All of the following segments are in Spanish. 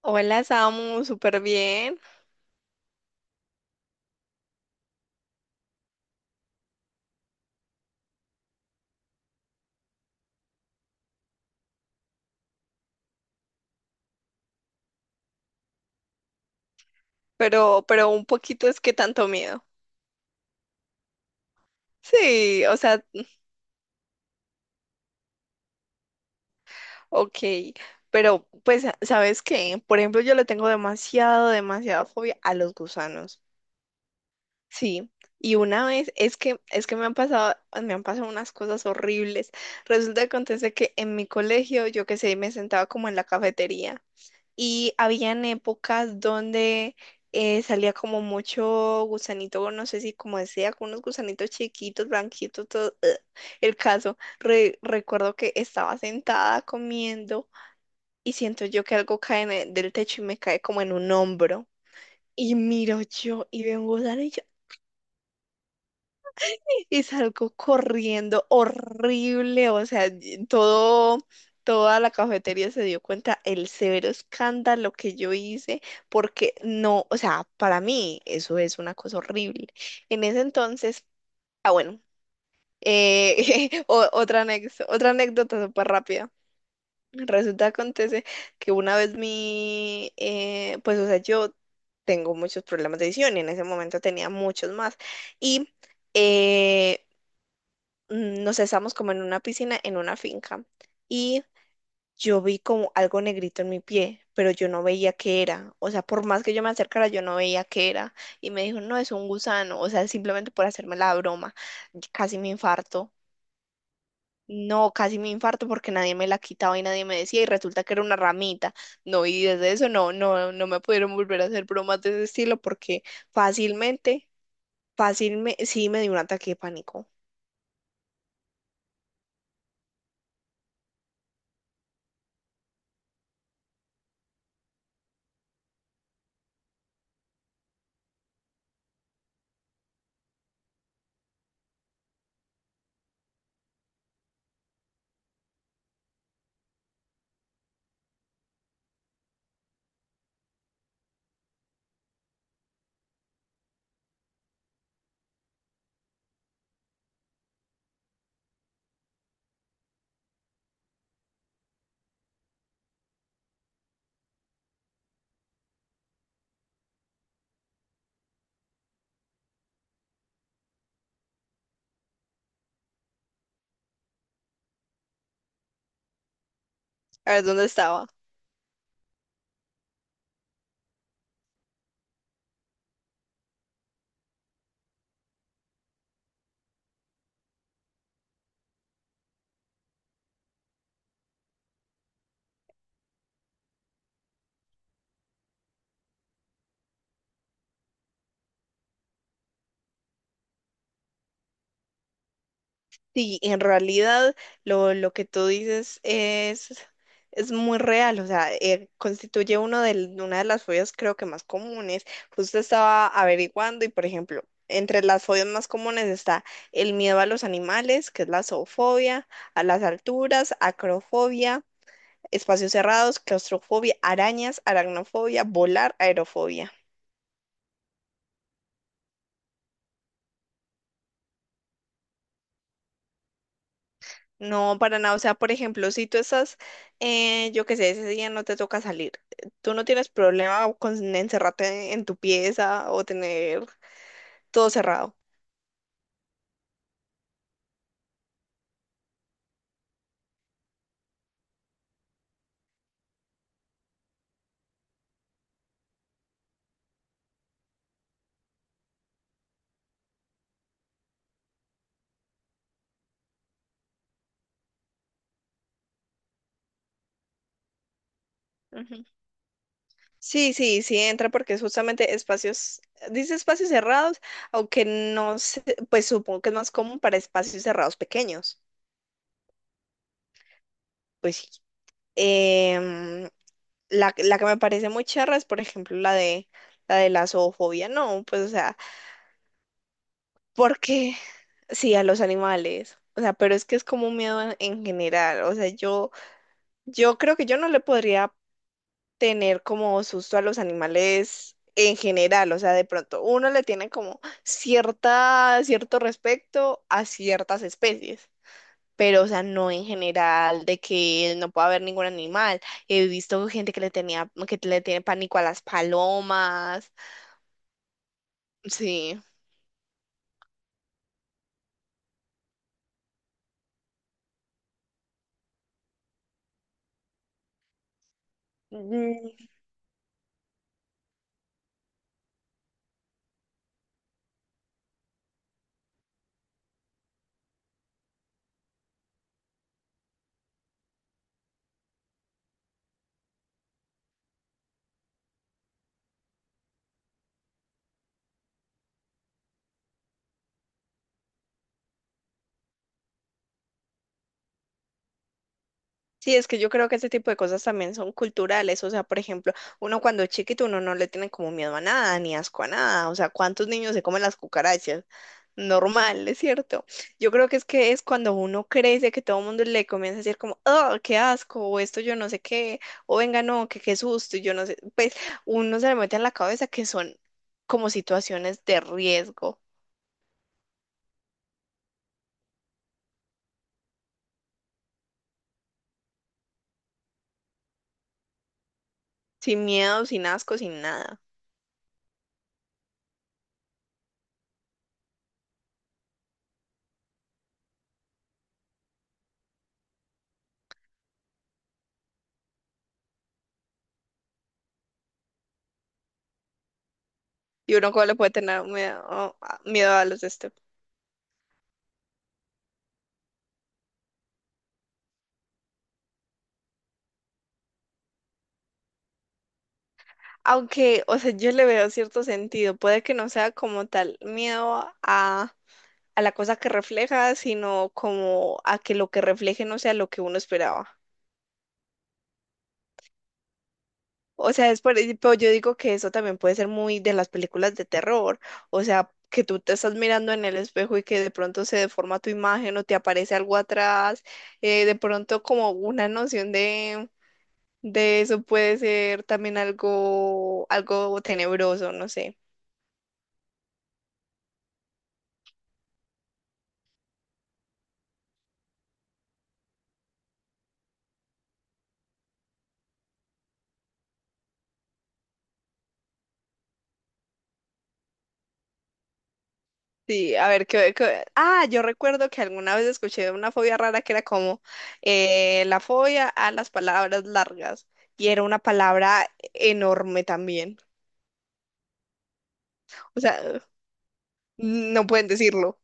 Hola, Samu, súper bien, pero un poquito es que tanto miedo. Sí, o sea, ok, pero pues, ¿sabes qué? Por ejemplo, yo le tengo demasiada fobia a los gusanos. Sí, y una vez es que me han pasado unas cosas horribles. Resulta que acontece que en mi colegio, yo qué sé, me sentaba como en la cafetería. Y habían épocas donde salía como mucho gusanito, no sé si como decía, con unos gusanitos chiquitos, blanquitos, todo. Ugh. El caso, recuerdo que estaba sentada comiendo y siento yo que algo cae en del techo y me cae como en un hombro. Y miro yo y veo un gusano y salgo corriendo horrible, o sea, y todo, toda la cafetería se dio cuenta el severo escándalo que yo hice, porque no, o sea, para mí eso es una cosa horrible. En ese entonces, ah, bueno, otra anécdota súper rápida. Resulta, acontece que una vez mi, pues, o sea, yo tengo muchos problemas de visión y en ese momento tenía muchos más. Y eh, nos estamos como en una piscina, en una finca, y yo vi como algo negrito en mi pie, pero yo no veía qué era. O sea, por más que yo me acercara, yo no veía qué era. Y me dijo, no, es un gusano. O sea, simplemente por hacerme la broma. Y casi me infarto. No, casi me infarto porque nadie me la quitaba y nadie me decía y resulta que era una ramita. No, y desde eso no me pudieron volver a hacer bromas de ese estilo porque fácilmente, fácilmente, sí me dio un ataque de pánico. A ver, ¿dónde estaba? Sí, en realidad lo que tú dices es muy real, o sea, constituye una de las fobias creo que más comunes. Justo estaba averiguando y, por ejemplo, entre las fobias más comunes está el miedo a los animales, que es la zoofobia, a las alturas, acrofobia, espacios cerrados, claustrofobia, arañas, aracnofobia, volar, aerofobia. No, para nada. O sea, por ejemplo, si tú estás, yo qué sé, ese día no te toca salir, tú no tienes problema con encerrarte en tu pieza o tener todo cerrado. Ujú. Sí, sí, sí entra porque es justamente espacios, dice espacios cerrados, aunque no sé, pues supongo que es más común para espacios cerrados pequeños. Pues sí. Em, la, la que me parece muy charra es, por ejemplo, la de la zoofobia, no, pues o sea. Porque sí, a los animales. O sea, pero es que es como un miedo en general. O sea, yo creo que yo no le podría tener como susto a los animales en general. O sea, de pronto uno le tiene como cierta, cierto respeto a ciertas especies. Pero, o sea, no en general, de que no pueda haber ningún animal. He visto gente que le tenía, que le tiene pánico a las palomas. Sí. Sí, es que yo creo que este tipo de cosas también son culturales, o sea, por ejemplo, uno cuando es chiquito uno no le tiene como miedo a nada, ni asco a nada, o sea, ¿cuántos niños se comen las cucarachas? Normal, es cierto. Yo creo que es cuando uno crece que todo el mundo le comienza a decir como, oh, qué asco, o esto yo no sé qué, o venga, no, que qué susto, y yo no sé, pues uno se le mete en la cabeza que son como situaciones de riesgo, sin miedo, sin asco, sin nada. Y uno cómo le puede tener miedo, miedo a los de este. Aunque, o sea, yo le veo cierto sentido. Puede que no sea como tal miedo a la cosa que refleja, sino como a que lo que refleje no sea lo que uno esperaba. O sea, es por, pero yo digo que eso también puede ser muy de las películas de terror. O sea, que tú te estás mirando en el espejo y que de pronto se deforma tu imagen o te aparece algo atrás. De pronto como una noción de eso puede ser también algo, algo tenebroso, no sé. Sí, a ver, ¿qué, qué- Ah, yo recuerdo que alguna vez escuché una fobia rara que era como la fobia a las palabras largas y era una palabra enorme también. O sea, no pueden decirlo.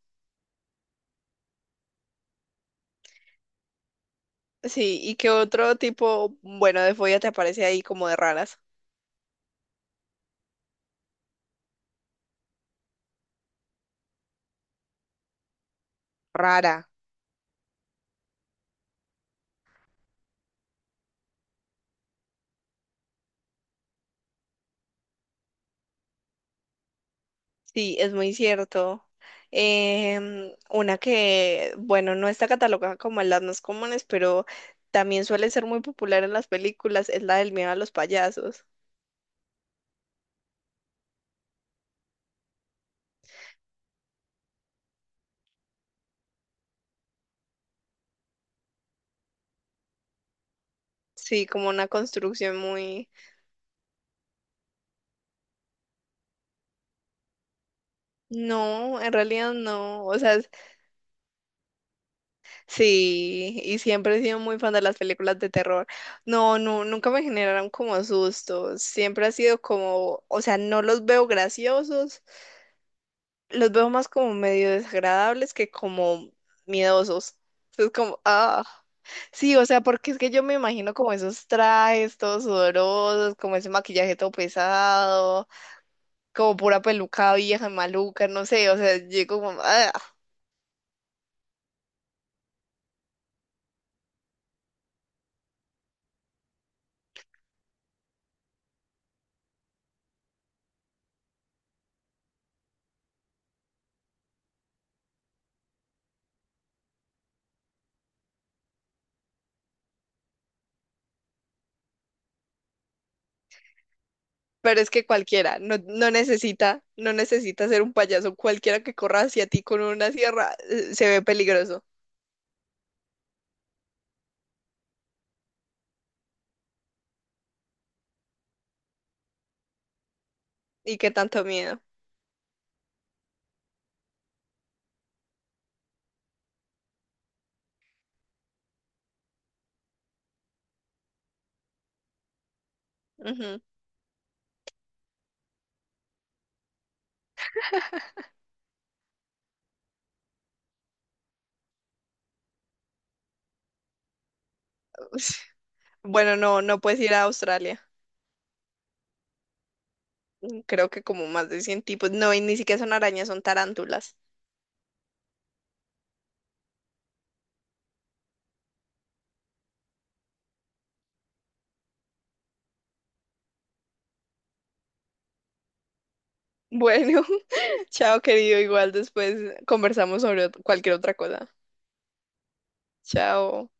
Sí, ¿y qué otro tipo, bueno, de fobia te aparece ahí como de raras? Rara. Sí, es muy cierto. Una que, bueno, no está catalogada como en las más comunes, pero también suele ser muy popular en las películas, es la del miedo a los payasos. Sí, como una construcción muy... No, en realidad no. O sea, es- sí, y siempre he sido muy fan de las películas de terror. No, no, nunca me generaron como sustos. Siempre ha sido como, o sea, no los veo graciosos, los veo más como medio desagradables que como miedosos. Es como, ah. Sí, o sea, porque es que yo me imagino como esos trajes todos sudorosos, como ese maquillaje todo pesado. Como pura peluca vieja, maluca, no sé, o sea, llego como, "Ah", pero es que cualquiera, no, no necesita, no necesita ser un payaso, cualquiera que corra hacia ti con una sierra se ve peligroso. Y qué tanto miedo. Ujú. Bueno, no, no puedes ir a Australia. Creo que como más de 100 tipos. No, y ni siquiera son arañas, son tarántulas. Bueno, chao querido, igual después conversamos sobre cualquier otra cosa. Chao.